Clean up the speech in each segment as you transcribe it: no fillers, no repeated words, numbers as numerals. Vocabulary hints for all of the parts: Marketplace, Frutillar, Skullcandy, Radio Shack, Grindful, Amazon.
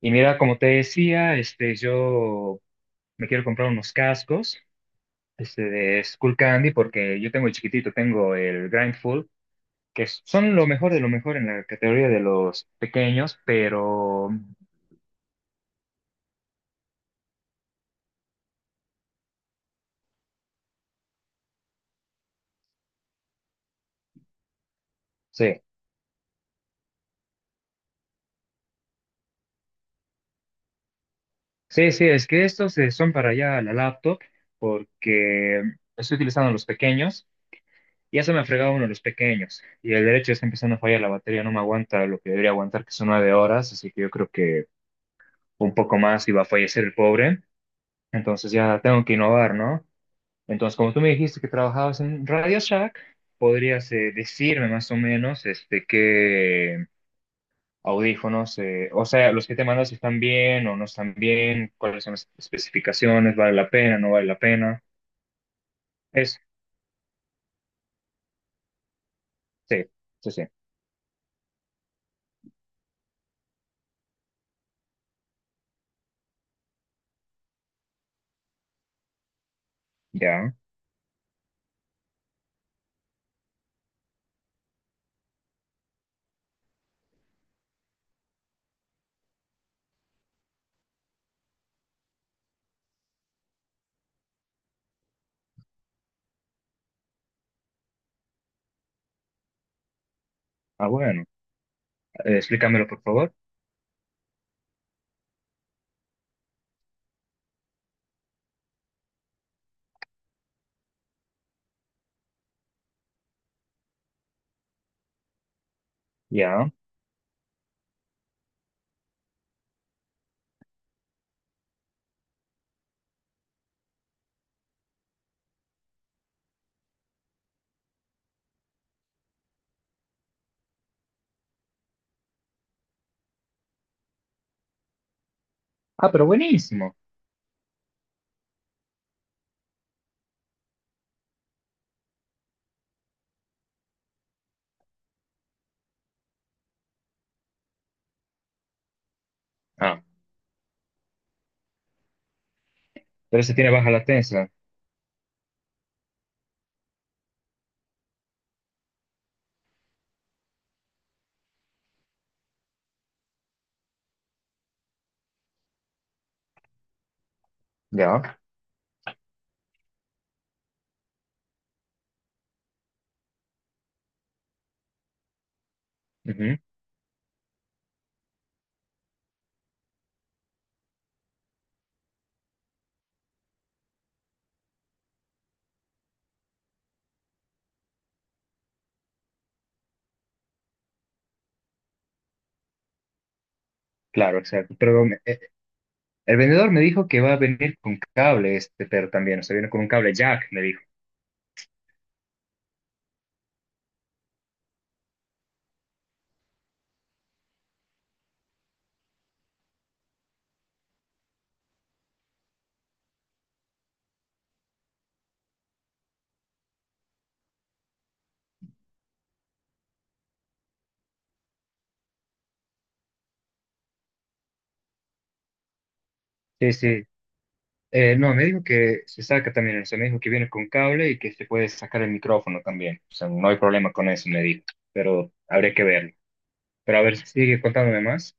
Y mira, como te decía, yo me quiero comprar unos cascos, de Skullcandy, porque yo tengo el chiquitito, tengo el Grindful, que son lo mejor de lo mejor en la categoría de los pequeños, pero sí, sí, es que estos son para allá la laptop, porque estoy utilizando los pequeños, y ya se me ha fregado uno de los pequeños, y el derecho está empezando a fallar la batería, no me aguanta lo que debería aguantar, que son 9 horas, así que yo creo que un poco más y va a fallecer el pobre. Entonces ya tengo que innovar, ¿no? Entonces, como tú me dijiste que trabajabas en Radio Shack, podrías decirme más o menos qué audífonos, o sea, los que te mandas si están bien o no están bien, cuáles son las especificaciones, vale la pena, no vale la pena. Es, sí, sí, ya. Ah, bueno. Explícamelo, por favor. Ya. Ah, pero buenísimo. Ah, pero ese tiene baja latencia. Ya. Ujú. Claro, exacto. Pero el vendedor me dijo que va a venir con cable este pero también, o sea, viene con un cable jack, me dijo. Sí, sí. No, me dijo que se saca también, o sea, me dijo que viene con cable y que se puede sacar el micrófono también. O sea, no hay problema con eso, me dijo, pero habría que verlo. Pero a ver, sigue contándome más.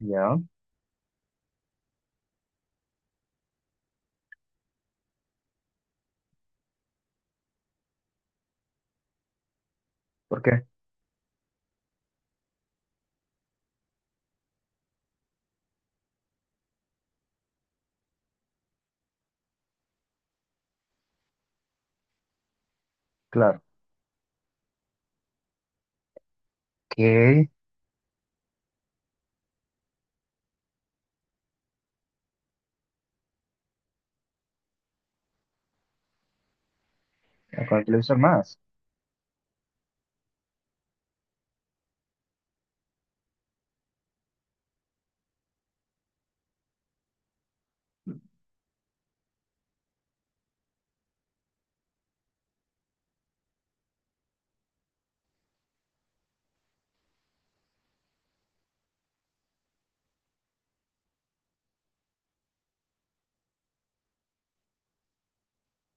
Ya, ¿por qué? Claro. ¿Qué? Con el televisor más.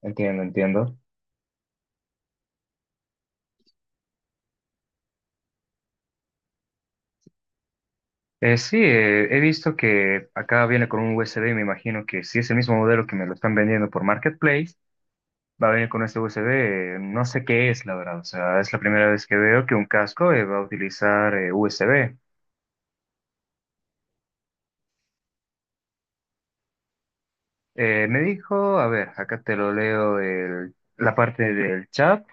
Entiendo, entiendo. Sí, he visto que acá viene con un USB, me imagino que si es el mismo modelo que me lo están vendiendo por Marketplace, va a venir con este USB. No sé qué es, la verdad. O sea, es la primera vez que veo que un casco va a utilizar USB. Me dijo, a ver, acá te lo leo la parte del chat,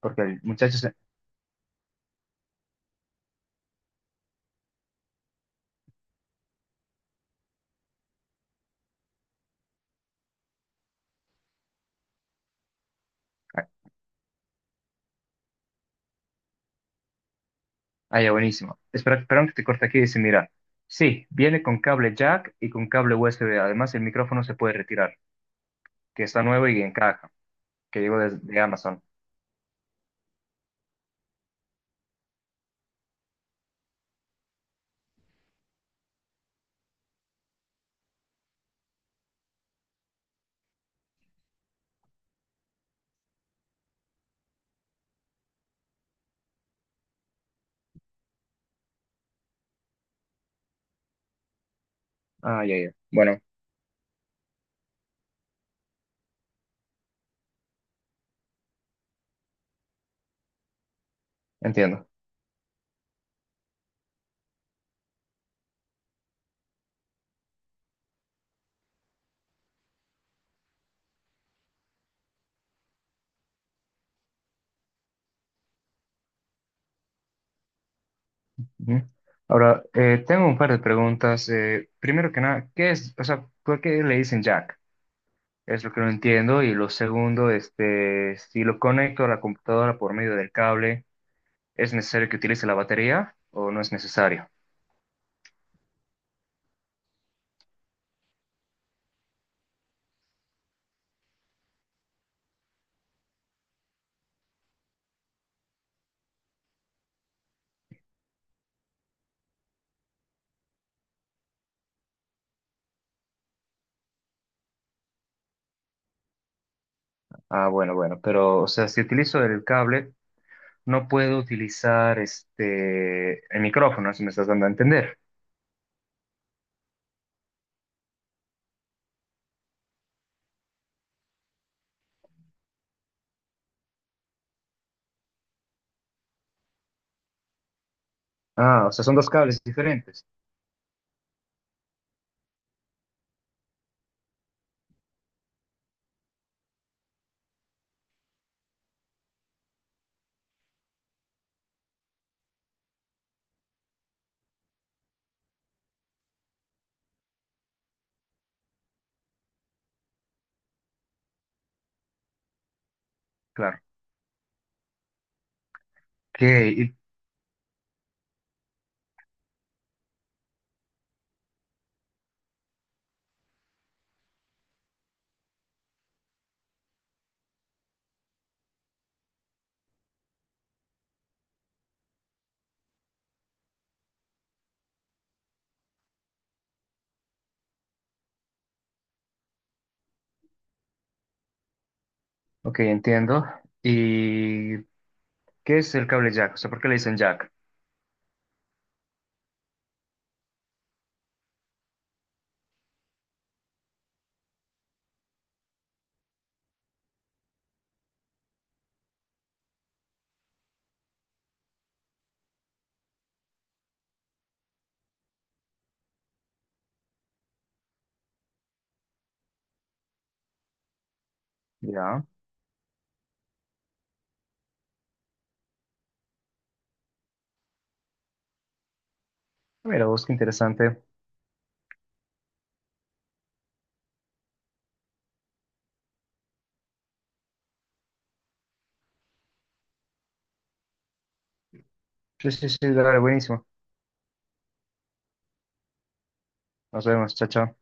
porque el muchacho se... Ah, ya, buenísimo. Espera, perdón que te corte aquí. Dice, mira, sí, viene con cable jack y con cable USB. Además, el micrófono se puede retirar, que está nuevo y en caja, que llegó desde de Amazon. Ah, ya, ya. Bueno, entiendo. Ujú. Ahora, tengo un par de preguntas. Primero que nada, ¿qué es, o sea, por qué le dicen jack? Es lo que no entiendo. Y lo segundo, si lo conecto a la computadora por medio del cable, ¿es necesario que utilice la batería o no es necesario? Ah, bueno, pero, o sea, si utilizo el cable, no puedo utilizar el micrófono, si me estás dando a entender. Ah, o sea, son dos cables diferentes. Claro. Ok, y- ok, entiendo. ¿Y qué es el cable jack? O sea, ¿por qué le dicen jack? Ya, mira vos, qué interesante. Sí, sí, sí, dale, buenísimo. Nos vemos, chao, chao.